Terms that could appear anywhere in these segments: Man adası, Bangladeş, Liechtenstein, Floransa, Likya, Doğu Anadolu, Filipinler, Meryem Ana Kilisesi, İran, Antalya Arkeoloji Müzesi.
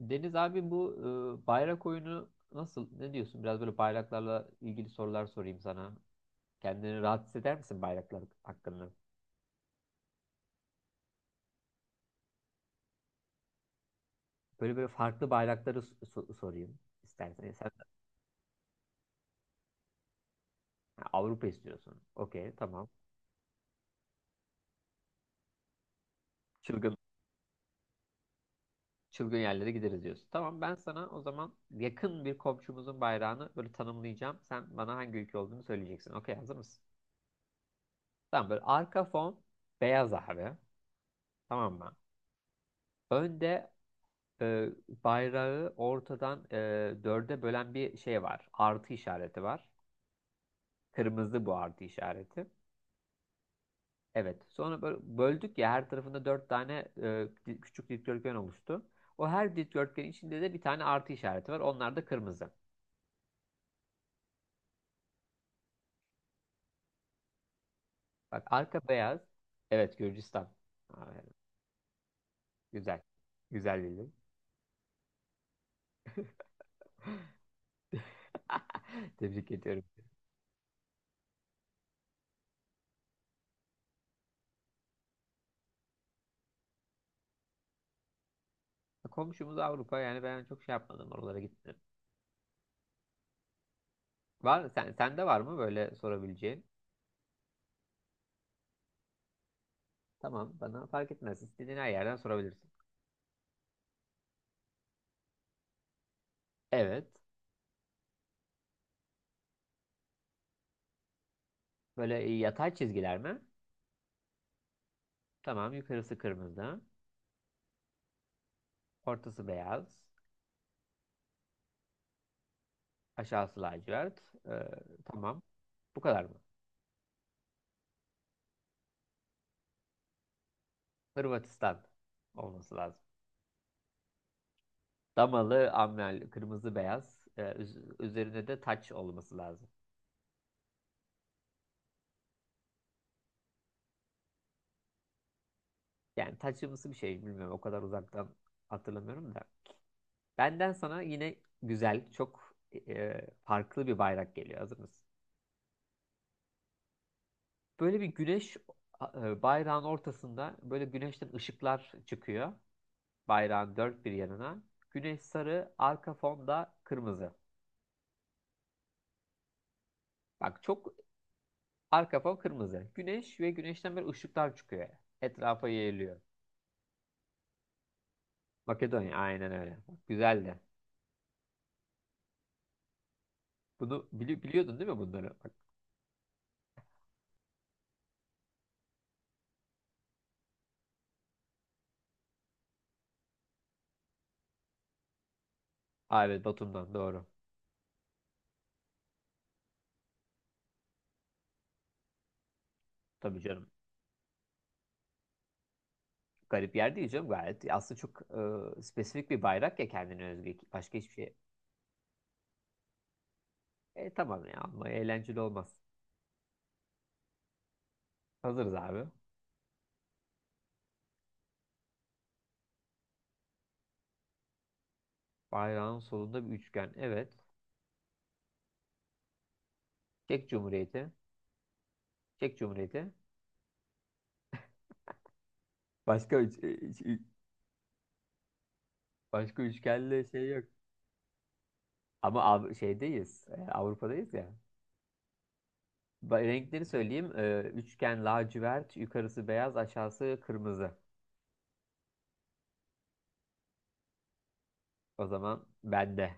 Deniz abi bu bayrak oyunu nasıl? Ne diyorsun? Biraz böyle bayraklarla ilgili sorular sorayım sana. Kendini rahat hisseder misin bayraklar hakkında? Böyle böyle farklı bayrakları sorayım istersen. Yani sen. Ha, Avrupa istiyorsun. Okey, tamam. Çılgın çılgın yerlere gideriz diyorsun. Tamam, ben sana o zaman yakın bir komşumuzun bayrağını böyle tanımlayacağım. Sen bana hangi ülke olduğunu söyleyeceksin. Okey, hazır mısın? Tamam, böyle arka fon beyaz abi. Tamam mı? Önde e, bayrağı ortadan dörde bölen bir şey var. Artı işareti var. Kırmızı bu artı işareti. Evet. Sonra böyle böldük ya, her tarafında dört tane küçük dikdörtgen oluştu. O her dikdörtgenin içinde de bir tane artı işareti var. Onlar da kırmızı. Bak arka beyaz. Evet, Gürcistan. Aferin. Güzel. Güzel bildim. Tebrik ediyorum. Komşumuz Avrupa yani, ben çok şey yapmadım, oralara gitmedim. Var, sende var mı böyle sorabileceğin? Tamam, bana fark etmez. İstediğin her yerden sorabilirsin. Evet. Böyle yatay çizgiler mi? Tamam, yukarısı kırmızı. Ortası beyaz. Aşağısı lacivert. Ee, tamam. Bu kadar mı? Hırvatistan olması lazım. Damalı, amber, kırmızı, beyaz. Üzerinde de taç olması lazım. Yani taçımsı bir şey, bilmiyorum. O kadar uzaktan hatırlamıyorum da. Benden sana yine güzel, çok farklı bir bayrak geliyor. Hazır mısın? Böyle bir güneş, bayrağın ortasında böyle güneşten ışıklar çıkıyor. Bayrağın dört bir yanına. Güneş sarı, arka fon da kırmızı. Bak çok, arka fon kırmızı. Güneş ve güneşten böyle ışıklar çıkıyor. Etrafa yayılıyor. Makedonya aynen öyle. Bak, güzel de. Bunu biliyordun değil mi bunları? Bak, aa, evet, Batum'dan doğru. Tabii canım. Garip yer değil canım, gayet. Aslında çok spesifik bir bayrak ya, kendine özgü. Başka hiçbir şey. E tamam ya, ama eğlenceli olmaz. Hazırız abi. Bayrağın solunda bir üçgen. Evet. Çek Cumhuriyeti. Çek Cumhuriyeti. Başka üç- üç- Başka üçgenle şey yok. Şeydeyiz. Avrupa'dayız ya. Renkleri söyleyeyim. E, üçgen lacivert. Yukarısı beyaz. Aşağısı kırmızı. O zaman bende.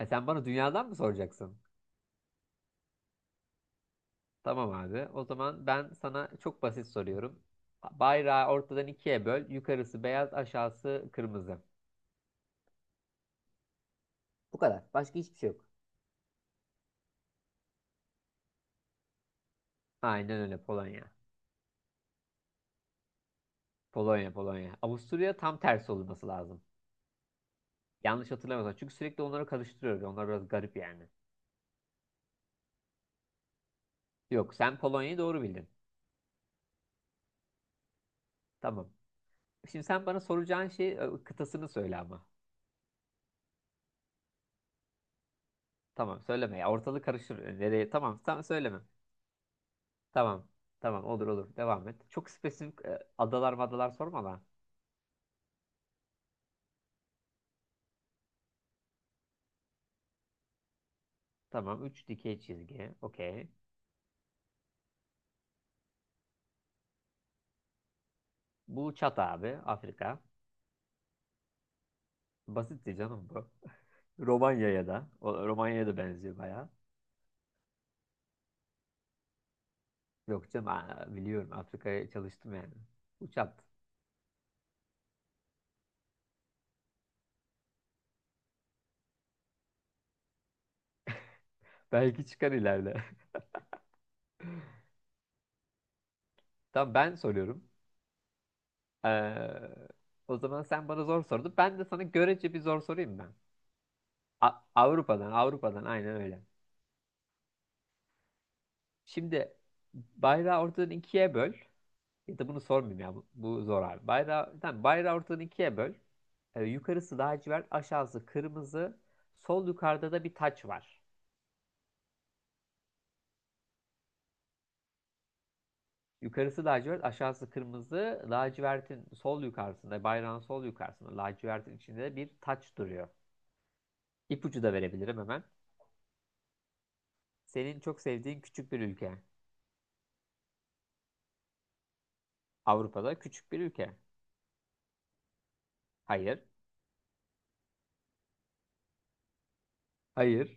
E, sen bana dünyadan mı soracaksın? Tamam abi. O zaman ben sana çok basit soruyorum. Bayrağı ortadan ikiye böl. Yukarısı beyaz. Aşağısı kırmızı. Bu kadar. Başka hiçbir şey yok. Aynen öyle, Polonya. Polonya, Polonya. Avusturya tam tersi olması lazım. Yanlış hatırlamıyorsam. Çünkü sürekli onları karıştırıyoruz. Yani onlar biraz garip yani. Yok, sen Polonya'yı doğru bildin. Tamam. Şimdi sen bana soracağın şey, kıtasını söyle ama. Tamam, söyleme ya. Ortalık karışır. E, nereye? Tamam, tamam söyleme. Tamam. Tamam, olur olur. Devam et. Çok spesifik adalar madalar sorma lan. Tamam, 3 dikey çizgi. Okey. Bu Çat abi, Afrika. Basitti canım bu. Romanya'ya da. Romanya'ya da benziyor bayağı. Yok canım, aa, biliyorum, Afrika'ya çalıştım yani. Uçak. Belki çıkar ileride. Tamam, ben soruyorum. Ee, O zaman sen bana zor sordun. Ben de sana görece bir zor sorayım ben. Avrupa'dan, Avrupa'dan aynen öyle. Şimdi bayrağı ortadan ikiye böl. Ya da bunu sormayayım ya, bu zor abi. Bayrağı, tamam, bayrağı ortadan ikiye böl. Yukarısı lacivert, aşağısı kırmızı. Sol yukarıda da bir taç var. Yukarısı lacivert, aşağısı kırmızı. Lacivertin sol yukarısında, bayrağın sol yukarısında lacivertin içinde bir taç duruyor. İpucu da verebilirim hemen. Senin çok sevdiğin küçük bir ülke. Avrupa'da küçük bir ülke. Hayır. Hayır.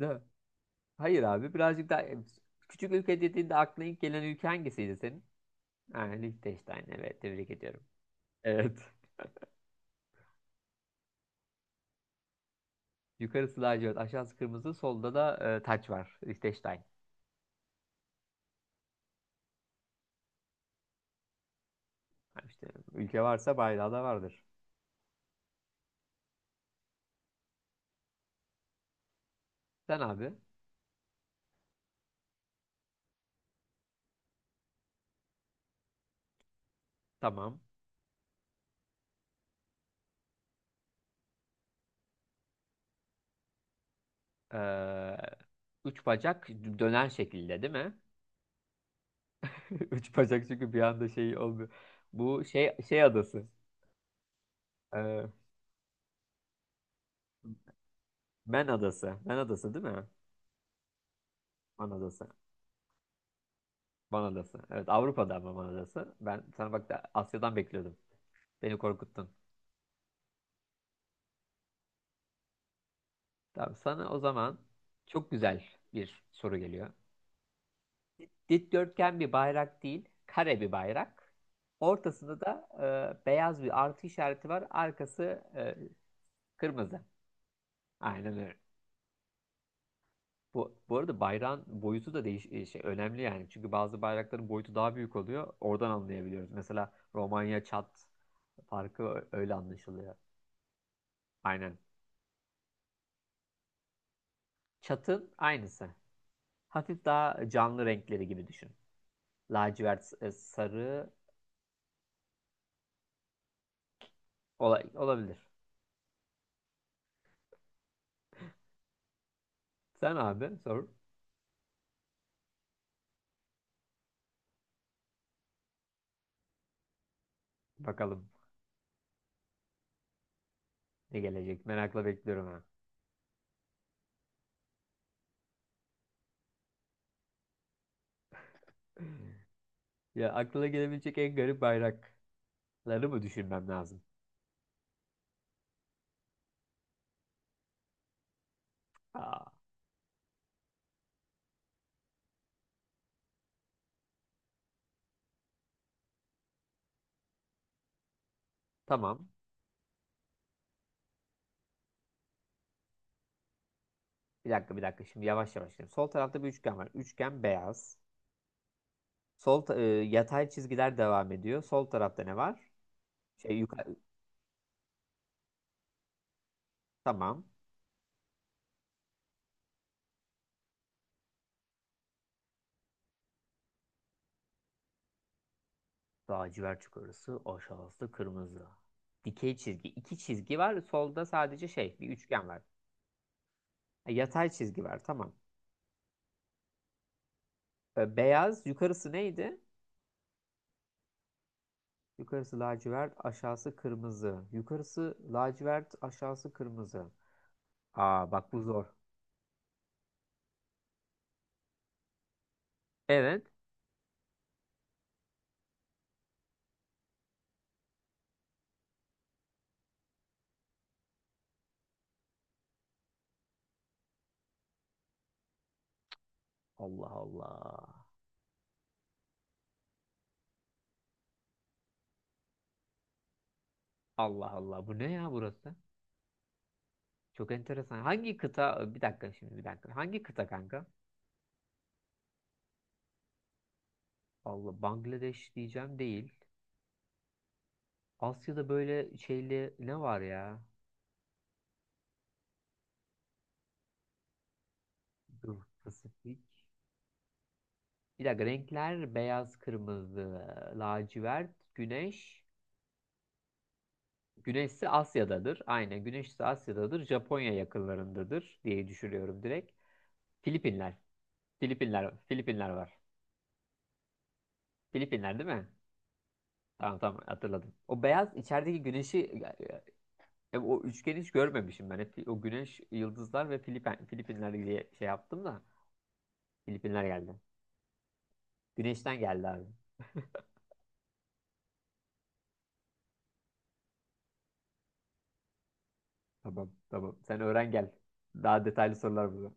Da. Hayır abi, birazcık daha, küçük ülke dediğinde aklına ilk gelen ülke hangisiydi senin? Ha, Liechtenstein. Evet, tebrik ediyorum. Evet. Yukarısı lacivert, aşağısı kırmızı, solda da taç var. Liechtenstein. Ha, işte, ülke varsa bayrağı da vardır. Sen abi. Tamam. Ee, Üç bacak, dönen şekilde değil mi? Üç bacak çünkü bir anda şey olmuyor. Bu şey şey adası. Ee, Man adası. Man adası değil mi? Man adası. Man adası. Evet, Avrupa'da ama Man adası. Ben sana bak da Asya'dan bekliyordum. Beni korkuttun. Tamam, sana o zaman çok güzel bir soru geliyor. Dikdörtgen bir bayrak değil, kare bir bayrak. Ortasında da beyaz bir artı işareti var. Arkası e, kırmızı. Aynen. Bu, bu arada bayrağın boyutu da önemli yani. Çünkü bazı bayrakların boyutu daha büyük oluyor. Oradan anlayabiliyoruz. Mesela Romanya, Çat farkı öyle anlaşılıyor. Aynen. Çatın aynısı. Hafif daha canlı renkleri gibi düşün. Lacivert, sarı. Olabilir. Sen abi sor. Bakalım ne gelecek. Merakla bekliyorum ha. Ya aklına gelebilecek en garip bayrakları mı düşünmem lazım? Aa, tamam. Bir dakika, bir dakika. Şimdi yavaş yavaş gidelim. Sol tarafta bir üçgen var. Üçgen beyaz. Yatay çizgiler devam ediyor. Sol tarafta ne var? Şey yukarı, tamam. Lacivert yukarısı, aşağısı kırmızı. Dikey çizgi. İki çizgi var. Solda sadece şey bir üçgen var. Ha, yatay çizgi var, tamam. E, beyaz yukarısı neydi? Yukarısı lacivert, aşağısı kırmızı. Yukarısı lacivert, aşağısı kırmızı. Aa bak, bu zor. Evet. Allah Allah. Allah Allah. Bu ne ya burası? Çok enteresan. Hangi kıta? Bir dakika şimdi, bir dakika. Hangi kıta kanka? Allah, Bangladeş diyeceğim değil. Asya'da böyle şeyli ne var ya? Dur, Pasifik. Bir dakika, renkler beyaz, kırmızı, lacivert, güneş. Güneşse Asya'dadır. Aynen, güneşse Asya'dadır. Japonya yakınlarındadır diye düşünüyorum direkt. Filipinler. Filipinler. Filipinler var. Filipinler değil mi? Tamam tamam, hatırladım. O beyaz içerideki güneşi, o üçgeni hiç görmemişim ben. Hep o güneş, yıldızlar ve Filipinler diye şey yaptım da Filipinler geldi. Güneşten geldi abi. Tamam tamam. Sen öğren gel. Daha detaylı sorular burada.